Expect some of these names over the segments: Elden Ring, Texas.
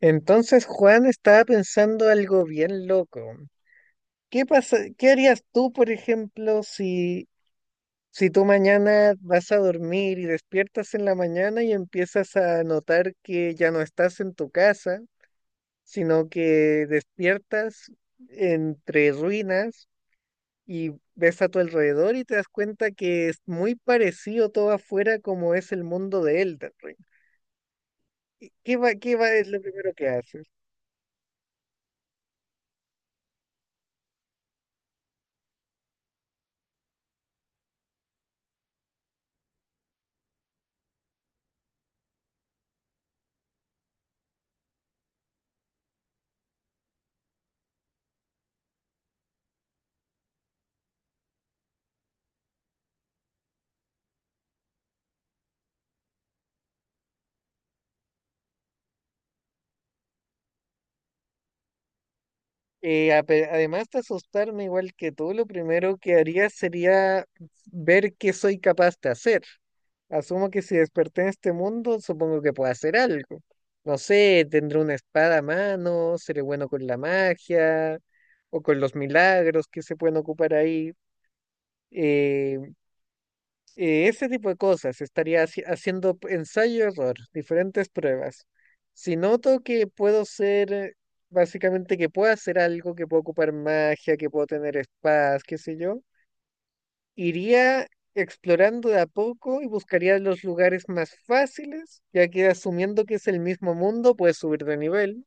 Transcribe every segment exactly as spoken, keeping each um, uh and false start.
Entonces Juan estaba pensando algo bien loco. ¿Qué pasa, qué harías tú, por ejemplo, si, si tú mañana vas a dormir y despiertas en la mañana y empiezas a notar que ya no estás en tu casa, sino que despiertas entre ruinas y ves a tu alrededor y te das cuenta que es muy parecido todo afuera como es el mundo de Elden Ring? ¿Qué va, qué va, es lo primero que haces? Eh, ape- además de asustarme igual que tú, lo primero que haría sería ver qué soy capaz de hacer. Asumo que si desperté en este mundo, supongo que puedo hacer algo. No sé, tendré una espada a mano, seré bueno con la magia o con los milagros que se pueden ocupar ahí. eh, eh, Ese tipo de cosas, estaría haci- haciendo ensayo-error, diferentes pruebas. Si noto que puedo ser, eh, básicamente que puedo hacer algo, que puedo ocupar magia, que puedo tener espadas, qué sé yo, iría explorando de a poco y buscaría los lugares más fáciles, ya que asumiendo que es el mismo mundo, puedes subir de nivel.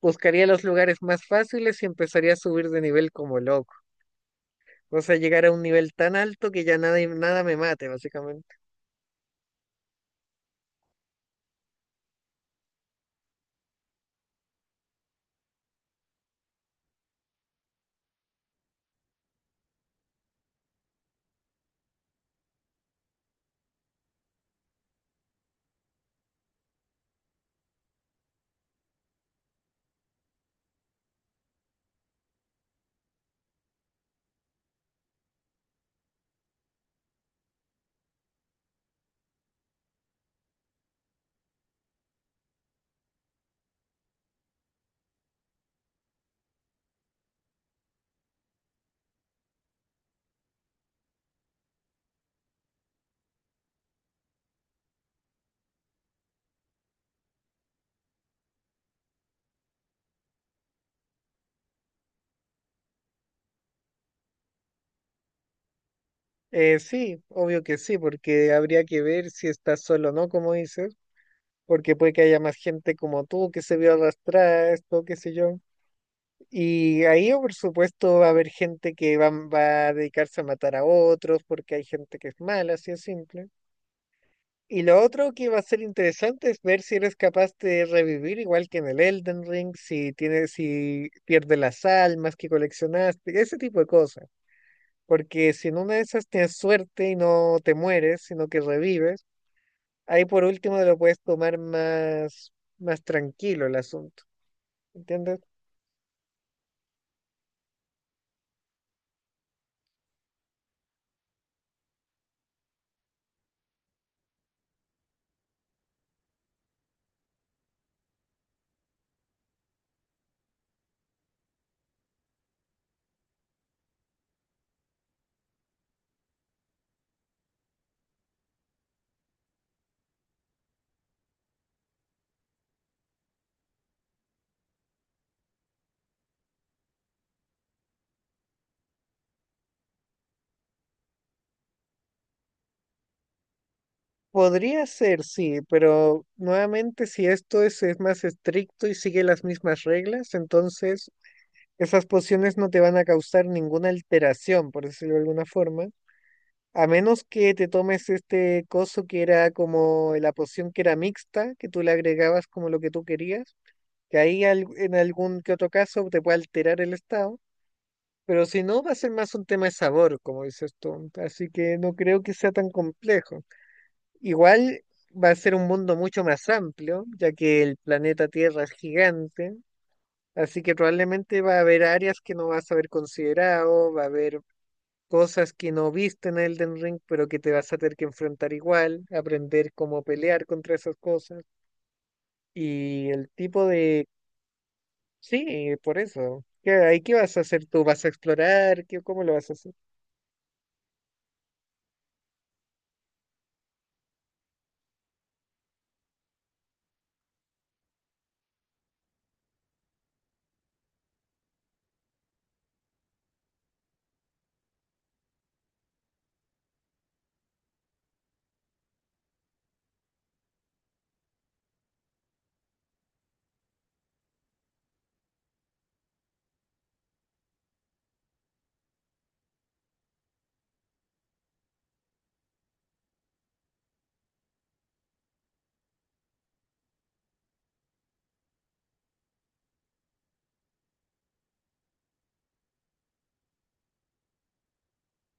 Buscaría los lugares más fáciles y empezaría a subir de nivel como loco. O sea, llegar a un nivel tan alto que ya nada, nada me mate, básicamente. Eh, sí, obvio que sí, porque habría que ver si estás solo o no, como dices, porque puede que haya más gente como tú que se vio arrastrada a esto, qué sé yo. Y ahí, oh, por supuesto, va a haber gente que va, va a dedicarse a matar a otros, porque hay gente que es mala, así es simple. Y lo otro que va a ser interesante es ver si eres capaz de revivir, igual que en el Elden Ring, si tienes, si pierdes las almas que coleccionaste, ese tipo de cosas. Porque si en una de esas tienes suerte y no te mueres, sino que revives, ahí por último te lo puedes tomar más, más tranquilo el asunto. ¿Entiendes? Podría ser, sí, pero nuevamente si esto es, es más estricto y sigue las mismas reglas, entonces esas pociones no te van a causar ninguna alteración, por decirlo de alguna forma, a menos que te tomes este coso que era como la poción que era mixta, que tú le agregabas como lo que tú querías que ahí al- en algún que otro caso te puede alterar el estado, pero si no, va a ser más un tema de sabor, como dices tú, así que no creo que sea tan complejo. Igual va a ser un mundo mucho más amplio, ya que el planeta Tierra es gigante, así que probablemente va a haber áreas que no vas a haber considerado, va a haber cosas que no viste en Elden Ring, pero que te vas a tener que enfrentar igual, aprender cómo pelear contra esas cosas. Y el tipo de. Sí, por eso. ¿Qué, ahí qué vas a hacer tú? ¿Vas a explorar? ¿Qué, cómo lo vas a hacer?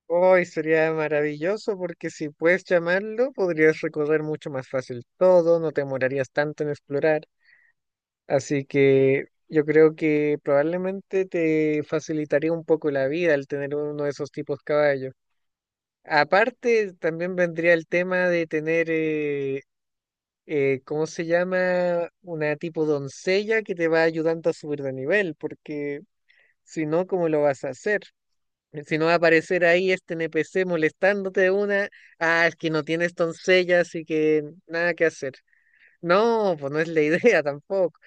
Hoy sería maravilloso porque si puedes llamarlo, podrías recorrer mucho más fácil todo, no te demorarías tanto en explorar. Así que yo creo que probablemente te facilitaría un poco la vida al tener uno de esos tipos caballos. Aparte, también vendría el tema de tener, eh, eh, ¿cómo se llama? Una tipo doncella que te va ayudando a subir de nivel, porque... Si no, ¿cómo lo vas a hacer? Si no va a aparecer ahí este N P C molestándote de una, ah, es que no tienes doncella, así que nada que hacer. No, pues no es la idea tampoco.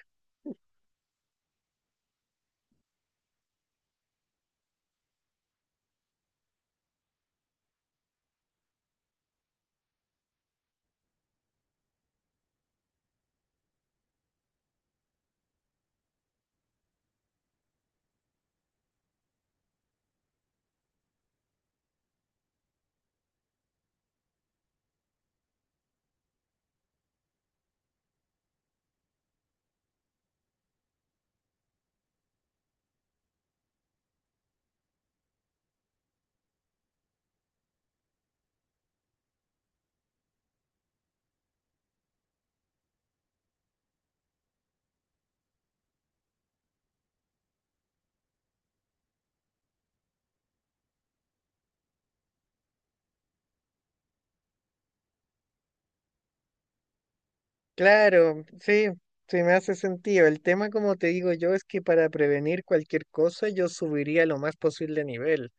Claro, sí, sí me hace sentido. El tema, como te digo yo, es que para prevenir cualquier cosa yo subiría lo más posible de nivel.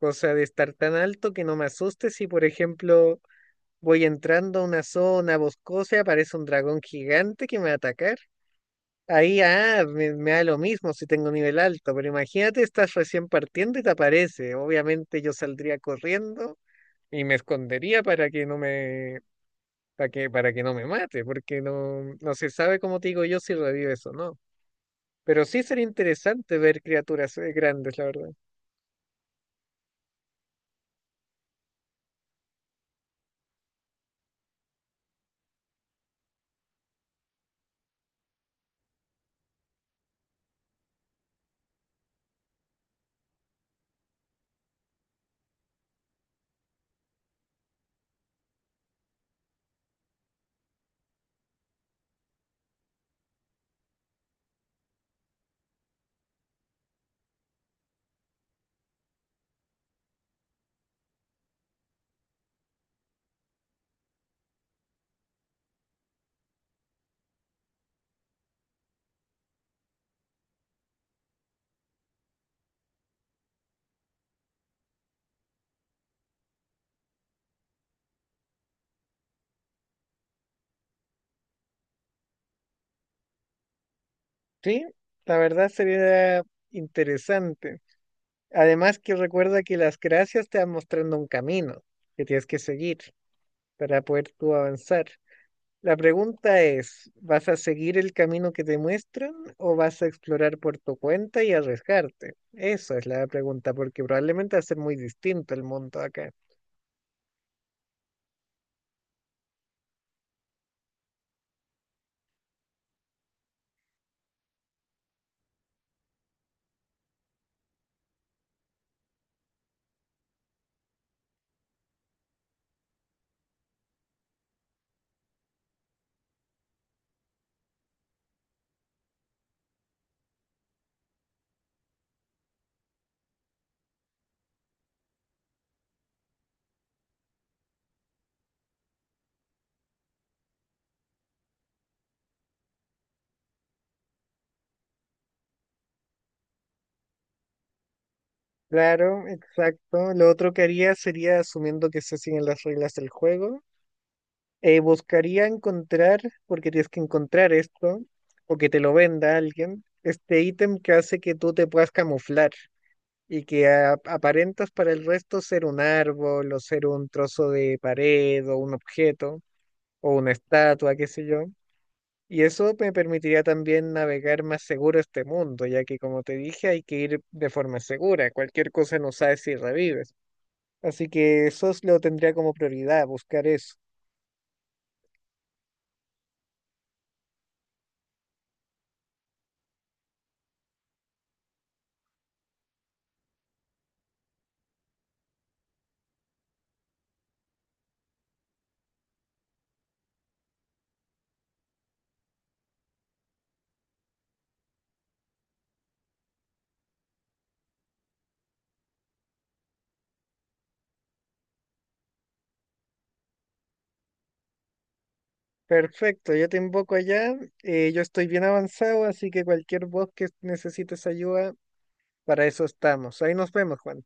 Cosa de estar tan alto que no me asuste si, por ejemplo, voy entrando a una zona boscosa y aparece un dragón gigante que me va a atacar. Ahí, ah, me, me da lo mismo si tengo nivel alto, pero imagínate, estás recién partiendo y te aparece. Obviamente yo saldría corriendo y me escondería para que no me, para que, para que no me mate, porque no, no se sabe, como te digo yo, si revives o no. Pero sí sería interesante ver criaturas eh, grandes, la verdad. Sí, la verdad sería interesante. Además que recuerda que las gracias te van mostrando un camino que tienes que seguir para poder tú avanzar. La pregunta es, ¿vas a seguir el camino que te muestran o vas a explorar por tu cuenta y arriesgarte? Esa es la pregunta, porque probablemente va a ser muy distinto el mundo acá. Claro, exacto. Lo otro que haría sería, asumiendo que se siguen las reglas del juego, eh, buscaría encontrar, porque tienes que encontrar esto, o que te lo venda alguien, este ítem que hace que tú te puedas camuflar. Y que a- aparentas para el resto ser un árbol o ser un trozo de pared o un objeto o una estatua, qué sé yo. Y eso me permitiría también navegar más seguro este mundo, ya que como te dije, hay que ir de forma segura, cualquier cosa no sabes si revives. Así que eso lo tendría como prioridad, buscar eso. Perfecto, yo te invoco allá, eh, yo estoy bien avanzado, así que cualquier voz que necesites ayuda, para eso estamos. Ahí nos vemos, Juan.